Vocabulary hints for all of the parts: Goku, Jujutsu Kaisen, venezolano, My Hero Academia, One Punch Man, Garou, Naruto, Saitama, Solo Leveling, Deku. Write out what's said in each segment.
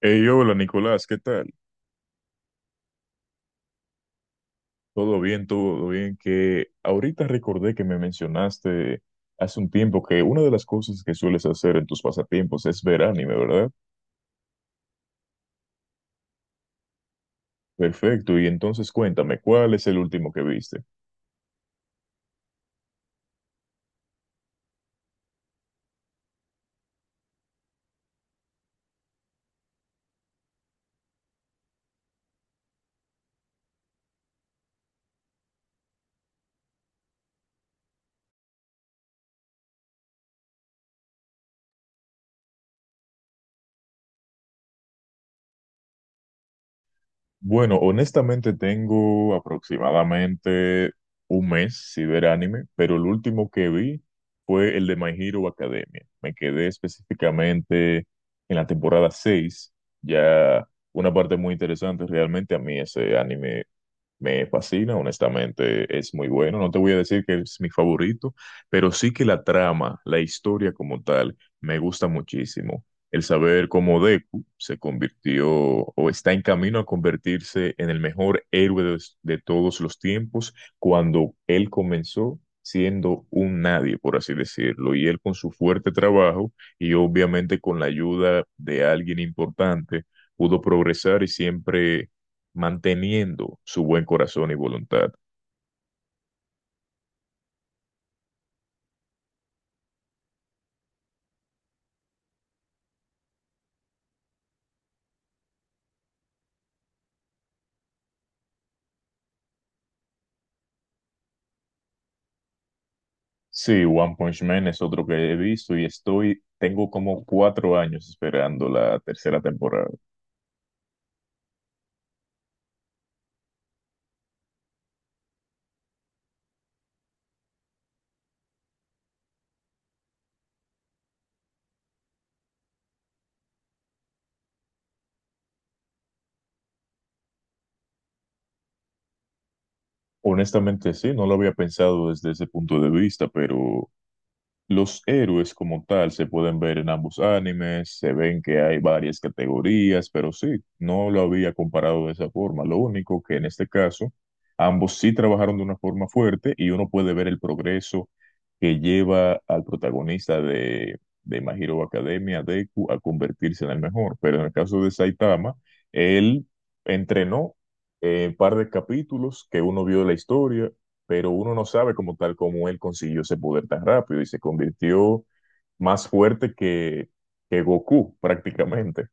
Hey, hola Nicolás, ¿qué tal? ¿Todo bien? ¿Todo bien? Que ahorita recordé que me mencionaste hace un tiempo que una de las cosas que sueles hacer en tus pasatiempos es ver anime, ¿verdad? Perfecto, y entonces cuéntame, ¿cuál es el último que viste? Bueno, honestamente tengo aproximadamente un mes sin ver anime, pero el último que vi fue el de My Hero Academia. Me quedé específicamente en la temporada 6, ya una parte muy interesante. Realmente a mí ese anime me fascina, honestamente, es muy bueno. No te voy a decir que es mi favorito, pero sí que la trama, la historia como tal, me gusta muchísimo. El saber cómo Deku se convirtió o está en camino a convertirse en el mejor héroe de todos los tiempos cuando él comenzó siendo un nadie, por así decirlo, y él con su fuerte trabajo y obviamente con la ayuda de alguien importante pudo progresar y siempre manteniendo su buen corazón y voluntad. Sí, One Punch Man es otro que he visto y estoy, tengo como 4 años esperando la tercera temporada. Honestamente, sí, no lo había pensado desde ese punto de vista, pero los héroes como tal se pueden ver en ambos animes, se ven que hay varias categorías, pero sí, no lo había comparado de esa forma. Lo único que en este caso, ambos sí trabajaron de una forma fuerte y uno puede ver el progreso que lleva al protagonista de My Hero Academia, Deku, a convertirse en el mejor. Pero en el caso de Saitama, él entrenó un par de capítulos que uno vio la historia, pero uno no sabe como tal cómo él consiguió ese poder tan rápido y se convirtió más fuerte que Goku prácticamente.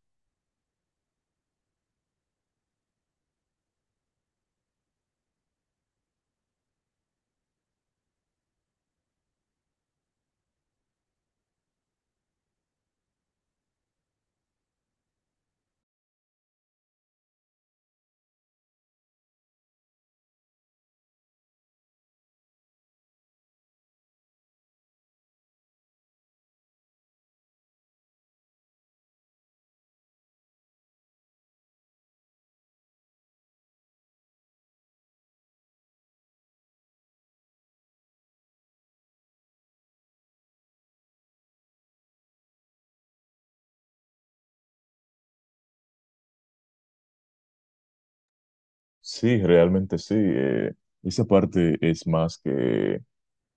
Sí, realmente sí. Esa parte es más que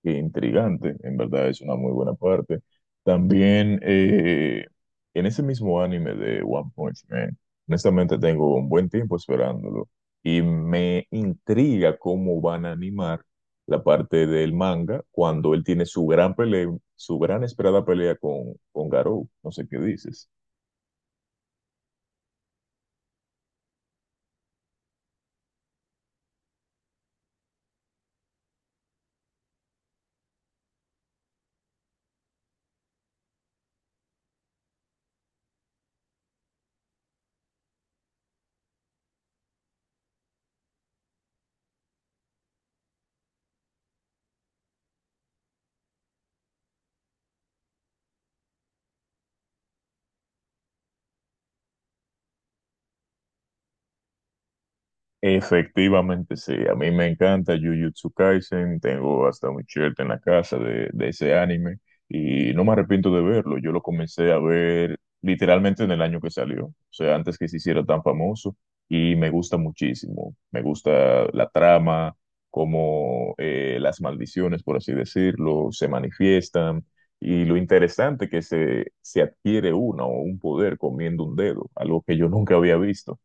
Que intrigante, en verdad es una muy buena parte. También, en ese mismo anime de One Punch Man, honestamente tengo un buen tiempo esperándolo y me intriga cómo van a animar la parte del manga cuando él tiene su gran pelea, su gran esperada pelea con Garou. No sé qué dices. Efectivamente, sí. A mí me encanta Jujutsu Kaisen. Tengo hasta un shirt en la casa de ese anime y no me arrepiento de verlo. Yo lo comencé a ver literalmente en el año que salió, o sea, antes que se hiciera tan famoso y me gusta muchísimo. Me gusta la trama, cómo las maldiciones, por así decirlo, se manifiestan y lo interesante que se adquiere una o un poder comiendo un dedo, algo que yo nunca había visto.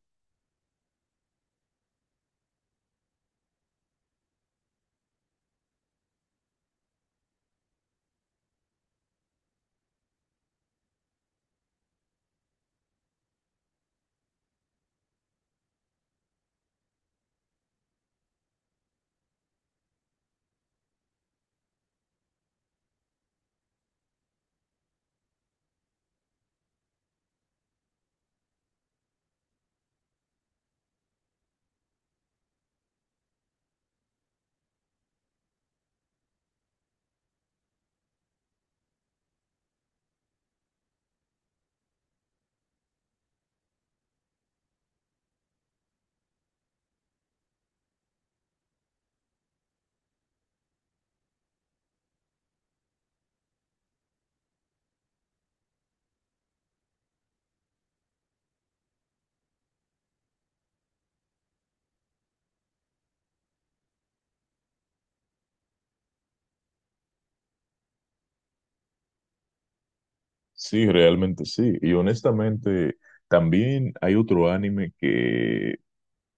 Sí, realmente sí. Y honestamente, también hay otro anime que,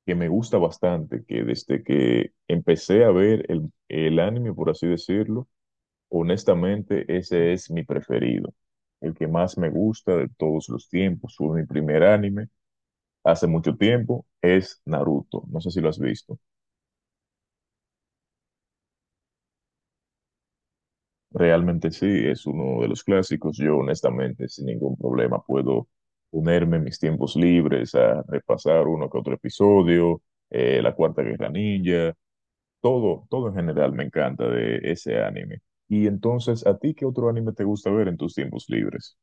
que me gusta bastante, que desde que empecé a ver el anime, por así decirlo, honestamente ese es mi preferido, el que más me gusta de todos los tiempos, fue mi primer anime hace mucho tiempo, es Naruto. No sé si lo has visto. Realmente sí, es uno de los clásicos. Yo honestamente sin ningún problema puedo ponerme en mis tiempos libres a repasar uno que otro episodio, la Cuarta Guerra Ninja, todo, todo en general me encanta de ese anime. Y entonces, ¿a ti qué otro anime te gusta ver en tus tiempos libres?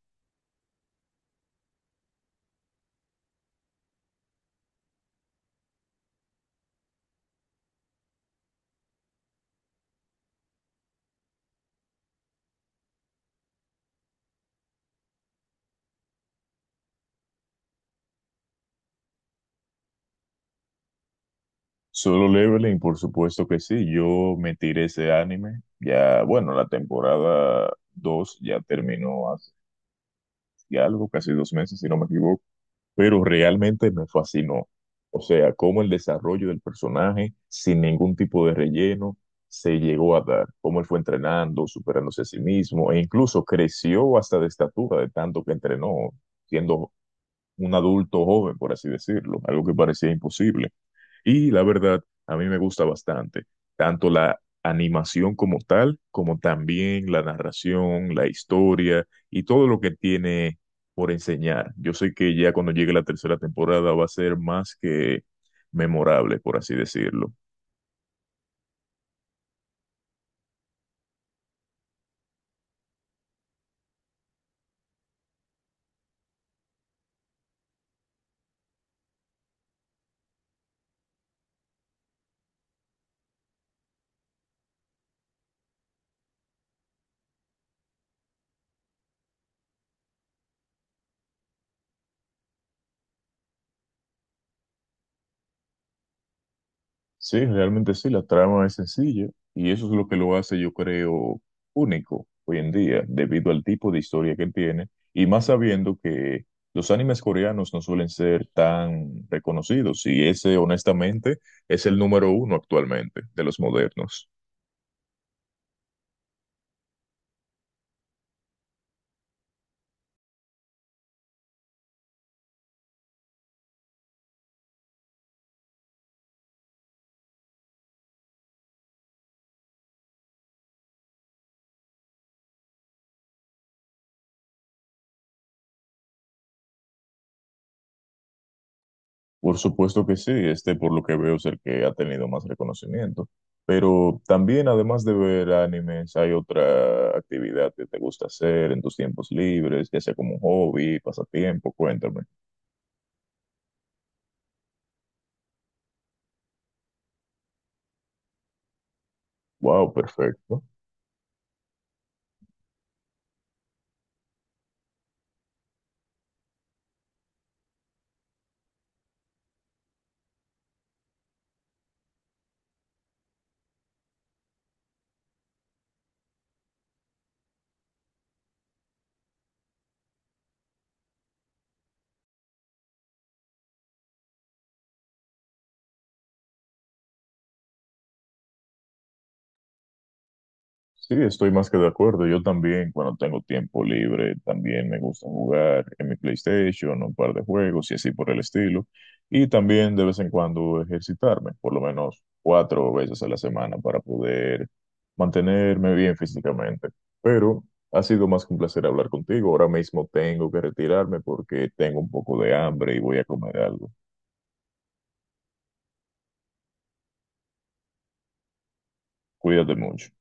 Solo Leveling, por supuesto que sí. Yo me tiré ese anime. Ya, bueno, la temporada 2 ya terminó hace algo, casi 2 meses, si no me equivoco, pero realmente me fascinó. O sea, cómo el desarrollo del personaje, sin ningún tipo de relleno, se llegó a dar, cómo él fue entrenando, superándose a sí mismo, e incluso creció hasta de estatura de tanto que entrenó, siendo un adulto joven, por así decirlo, algo que parecía imposible. Y la verdad, a mí me gusta bastante, tanto la animación como tal, como también la narración, la historia y todo lo que tiene por enseñar. Yo sé que ya cuando llegue la tercera temporada va a ser más que memorable, por así decirlo. Sí, realmente sí, la trama es sencilla y eso es lo que lo hace, yo creo, único hoy en día, debido al tipo de historia que tiene y más sabiendo que los animes coreanos no suelen ser tan reconocidos y ese honestamente es el número uno actualmente de los modernos. Por supuesto que sí, este por lo que veo es el que ha tenido más reconocimiento, pero también además de ver animes hay otra actividad que te gusta hacer en tus tiempos libres, ya sea como un hobby, pasatiempo, cuéntame. Wow, perfecto. Sí, estoy más que de acuerdo. Yo también, cuando tengo tiempo libre, también me gusta jugar en mi PlayStation, un par de juegos y así por el estilo. Y también de vez en cuando ejercitarme, por lo menos 4 veces a la semana para poder mantenerme bien físicamente. Pero ha sido más que un placer hablar contigo. Ahora mismo tengo que retirarme porque tengo un poco de hambre y voy a comer algo. Cuídate mucho.